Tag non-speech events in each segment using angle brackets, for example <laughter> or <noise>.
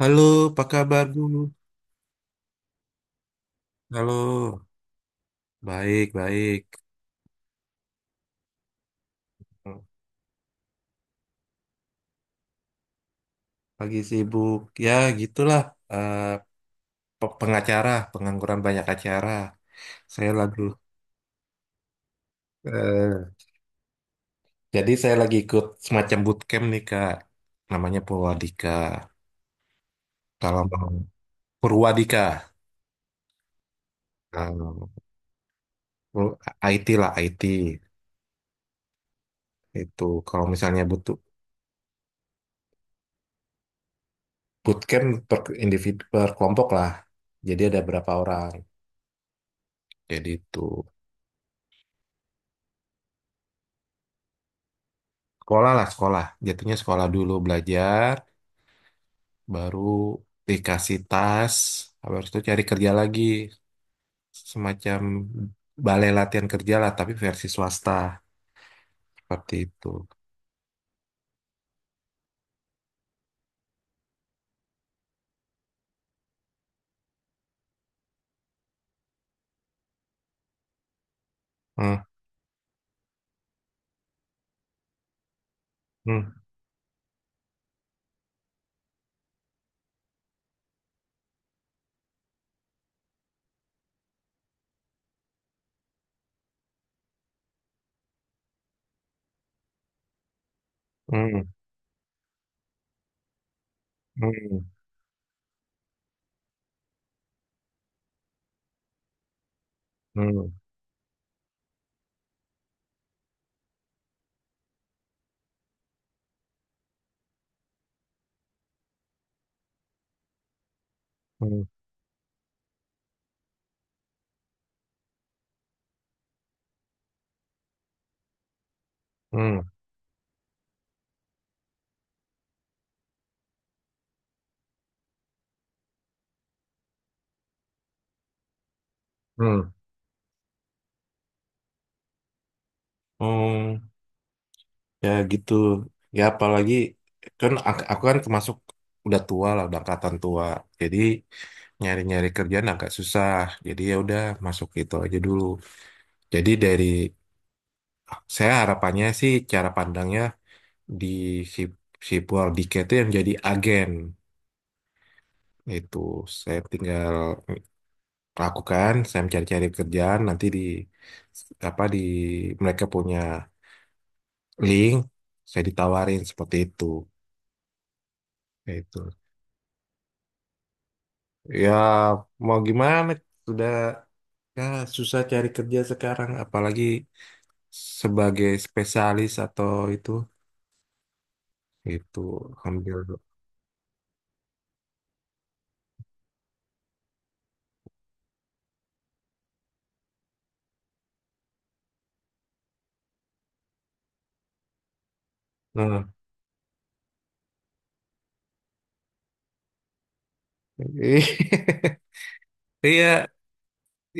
Halo, apa kabar dulu? Halo, baik, baik. Pagi sibuk. Ya, gitulah. eh, pengacara, pengangguran banyak acara. Saya lagu. eh, jadi saya lagi ikut semacam bootcamp nih, Kak. Namanya Purwadika. Kalau mau Purwadika. eh, IT lah, IT. Itu kalau misalnya butuh bootcamp per individu, per kelompok lah. Jadi ada berapa orang. Jadi itu. Sekolah lah, sekolah. Jatuhnya sekolah dulu belajar, baru dikasih tas, habis itu cari kerja lagi. Semacam balai latihan kerja lah, tapi versi swasta. Seperti itu. Hmm, hmm, hmm, hmm, hmm, hmm, hmm, hmm, hmm. Ya gitu. Ya apalagi, kan aku kan termasuk udah tua lah, udah angkatan tua. Jadi nyari-nyari kerjaan agak susah. Jadi ya udah masuk itu aja dulu. Jadi dari saya harapannya sih cara pandangnya di si, si Purwardika itu yang jadi agen itu, saya tinggal lakukan, saya mencari-cari kerjaan nanti di apa, di mereka punya link, saya ditawarin seperti itu. Itu ya mau gimana, sudah ya, susah cari kerja sekarang apalagi sebagai spesialis atau itu ambil. Nah, <laughs> iya,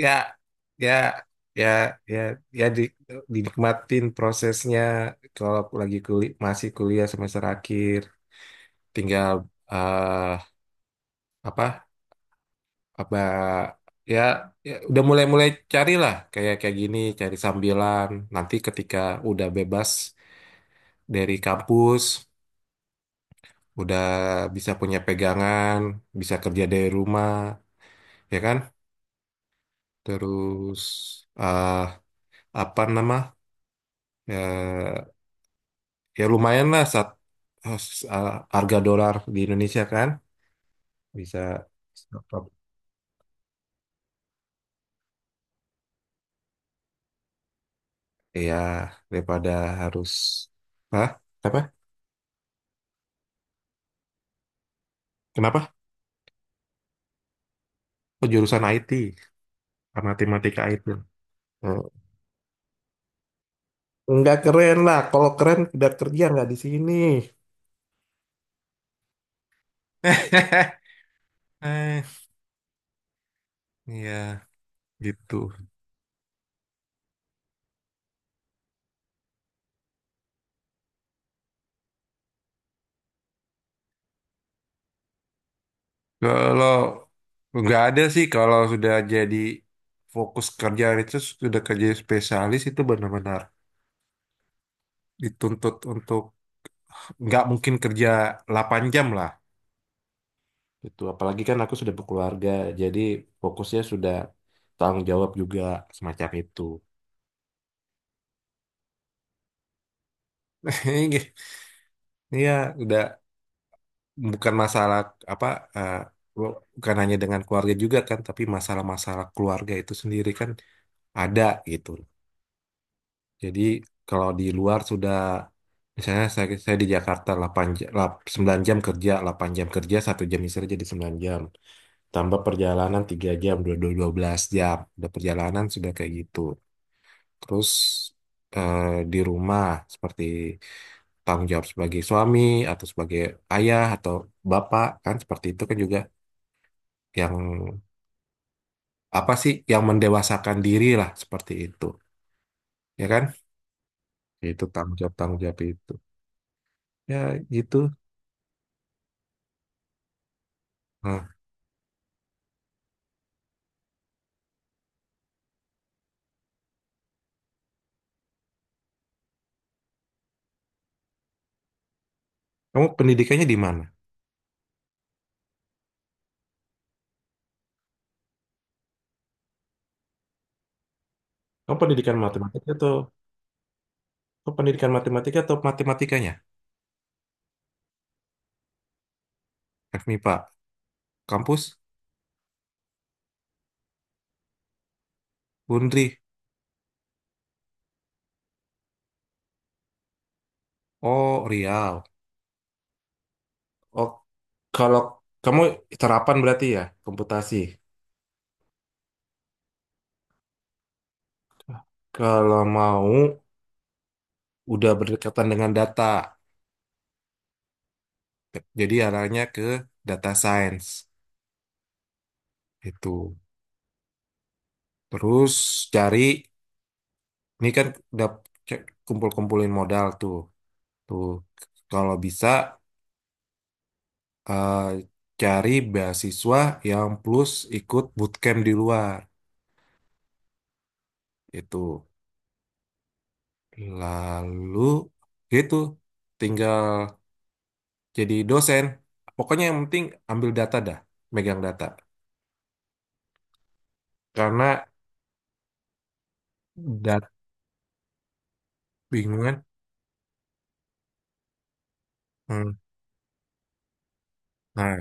ya, ya, ya, ya, ya, di, dinikmatin prosesnya. Kalau aku lagi kuliah masih kuliah semester akhir, tinggal eh apa, apa ya, ya udah mulai-mulai carilah, kayak kayak gini cari sambilan nanti ketika udah bebas dari kampus, udah bisa punya pegangan, bisa kerja dari rumah, ya kan. Terus eh apa nama, ya ya lumayan lah satu. Oh, harga dolar di Indonesia kan bisa, ya daripada harus. Hah? Apa, kenapa? Oh, jurusan IT, matematika IT. Eh, nggak keren lah, kalau keren udah kerja nggak di sini. <laughs> eh iya, gitu. Kalau nggak ada sih, kalau sudah jadi fokus kerja itu, sudah kerja spesialis itu benar-benar dituntut untuk, nggak mungkin kerja 8 jam lah gitu. Apalagi kan aku sudah berkeluarga, jadi fokusnya sudah tanggung jawab juga semacam itu. <laughs> Iya, udah bukan masalah apa, eh, bukan hanya dengan keluarga juga kan, tapi masalah-masalah keluarga itu sendiri kan ada gitu. Jadi kalau di luar sudah misalnya saya di Jakarta 8 jam, 9 jam kerja, 8 jam kerja, 1 jam istirahat jadi 9 jam. Tambah perjalanan 3 jam, 12 jam. Udah perjalanan sudah kayak gitu. Terus eh, di rumah seperti tanggung jawab sebagai suami atau sebagai ayah atau bapak kan seperti itu kan juga, yang apa sih yang mendewasakan diri lah seperti itu, ya kan, itu tanggung jawab, tanggung jawab itu, ya gitu. Nah, kamu pendidikannya di mana? Kamu pendidikan matematika atau, kamu pendidikan matematika atau matematikanya? FMIPA, kampus Undri. Oh Riau, oh. Kalau kamu terapan berarti ya komputasi. Kalau mau, udah berdekatan dengan data. Jadi arahnya ke data science. Itu. Terus cari, ini kan udah kumpul-kumpulin modal tuh. Tuh, kalau bisa eh, cari beasiswa yang plus ikut bootcamp di luar. Itu. Lalu, gitu. Tinggal jadi dosen. Pokoknya yang penting ambil data dah. Megang data. Karena dat bingungan. Nah,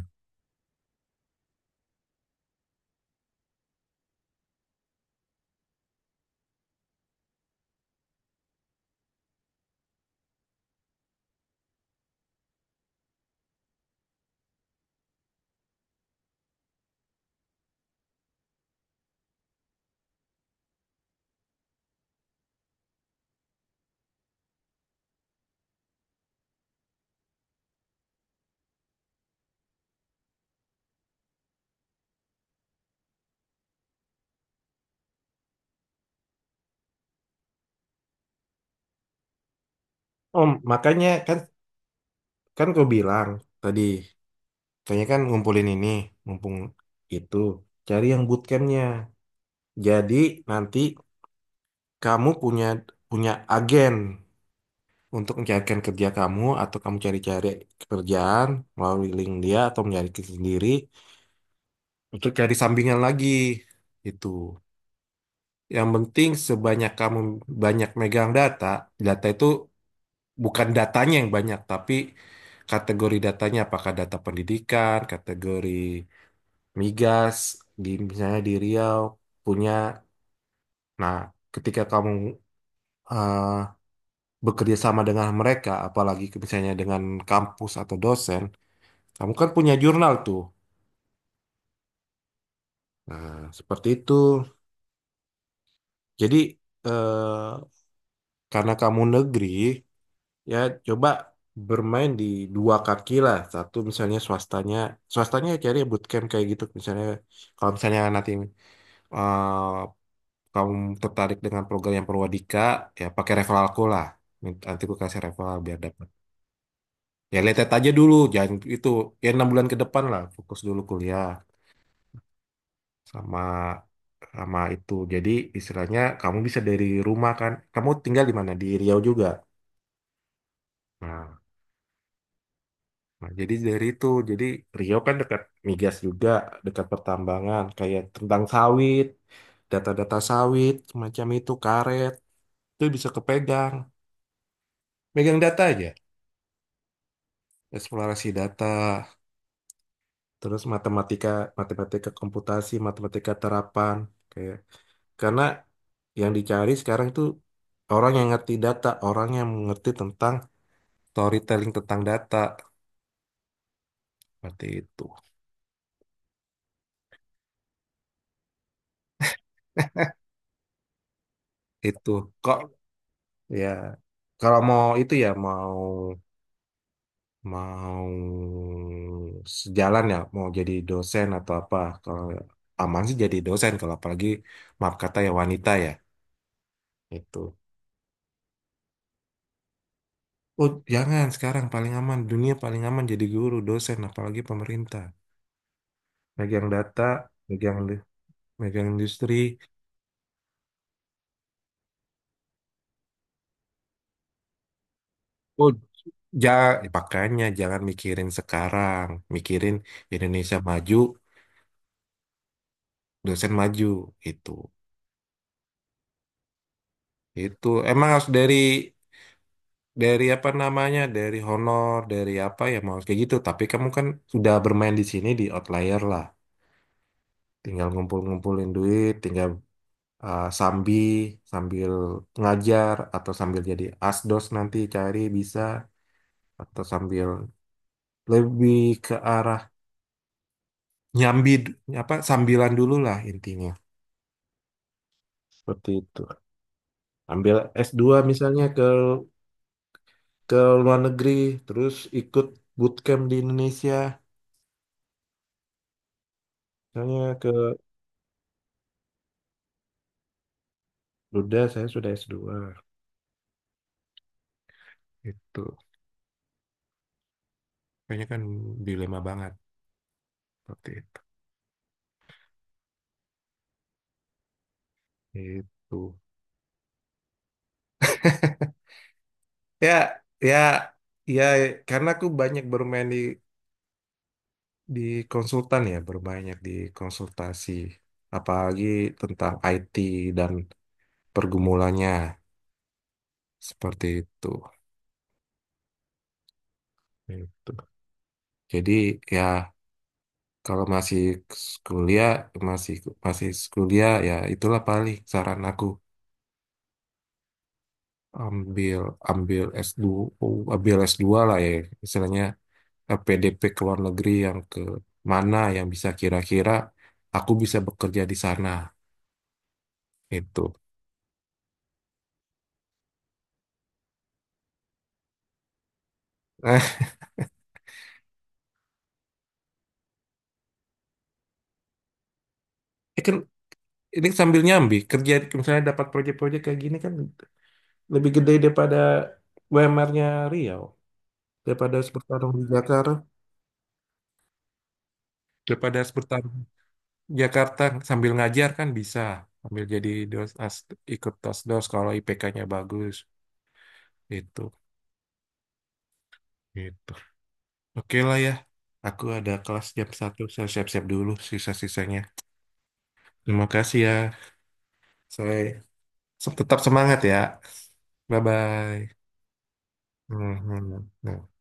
om, makanya kan, gue bilang tadi, kayaknya kan ngumpulin ini mumpung itu, cari yang bootcampnya. Jadi nanti kamu punya, punya agen untuk mencarikan kerja kamu, atau kamu cari-cari pekerjaan melalui link dia, atau mencari sendiri untuk cari sampingan lagi itu. Yang penting sebanyak kamu banyak megang data. Data itu bukan datanya yang banyak, tapi kategori datanya, apakah data pendidikan, kategori migas di misalnya di Riau punya. Nah, ketika kamu eh, bekerja sama dengan mereka, apalagi misalnya dengan kampus atau dosen, kamu kan punya jurnal tuh. Nah, seperti itu. Jadi eh, karena kamu negeri, ya coba bermain di dua kaki lah, satu misalnya swastanya, swastanya ya cari bootcamp kayak gitu misalnya. Kalau misalnya nanti eh, kamu tertarik dengan program yang Perwadika, ya pakai referral aku lah. Nanti aku kasih referral biar dapat, ya lihat aja dulu, jangan itu, ya 6 bulan ke depan lah fokus dulu kuliah. Sama, sama itu jadi istilahnya kamu bisa dari rumah kan, kamu tinggal di mana, di Riau juga. Nah, Nah, jadi dari itu, jadi Rio kan dekat migas juga, dekat pertambangan, kayak tentang sawit, data-data sawit, semacam itu, karet, itu bisa kepegang. Megang data aja, eksplorasi data, terus matematika, matematika komputasi, matematika terapan, kayak, karena yang dicari sekarang itu orang yang ngerti data, orang yang mengerti tentang storytelling tentang data, seperti itu. Itu kok, ya kalau mau itu ya mau, mau sejalan ya, mau jadi dosen atau apa. Kalau aman sih jadi dosen, kalau apalagi maaf kata ya wanita ya, itu. Oh jangan, sekarang paling aman, dunia paling aman jadi guru, dosen apalagi pemerintah. Megang data, megang, industri. Oh ja makanya jangan mikirin sekarang, mikirin Indonesia maju, dosen maju, itu. Itu emang harus dari, apa namanya, dari honor, dari apa, ya mau kayak gitu, tapi kamu kan sudah bermain di sini di outlier lah, tinggal ngumpul-ngumpulin duit, tinggal uh, sambi sambil ngajar atau sambil jadi asdos, nanti cari bisa, atau sambil lebih ke arah nyambi, apa, sambilan dulu lah intinya, seperti itu. Ambil S2 misalnya, ke ke luar negeri, terus ikut bootcamp di Indonesia misalnya, ke. Udah, saya sudah S2. Itu kayaknya kan dilema banget seperti itu. Itu. Ya, ya, ya, karena aku banyak bermain di di konsultan ya, berbanyak di konsultasi, apalagi tentang IT dan pergumulannya seperti itu. Itu. Jadi ya kalau masih kuliah, masih masih kuliah, ya itulah paling saran aku, ambil, S2, ambil s dua lah ya istilahnya. PDP ke luar negeri yang ke mana, yang bisa kira-kira aku bisa bekerja di sana, itu. Eh, <laughs> ini kan ini sambil nyambi kerja, misalnya dapat proyek-proyek kayak gini kan lebih gede daripada UMR-nya Riau, daripada harus bertarung di Jakarta, daripada harus bertarung di Jakarta. Sambil ngajar kan bisa, sambil jadi dos as, ikut dos, kalau IPK-nya bagus, itu gitu. Oke lah ya, aku ada kelas jam 1, saya siap-siap dulu, sisa-sisanya. Terima kasih ya. Saya tetap semangat ya. Bye bye. Hmm, hmm.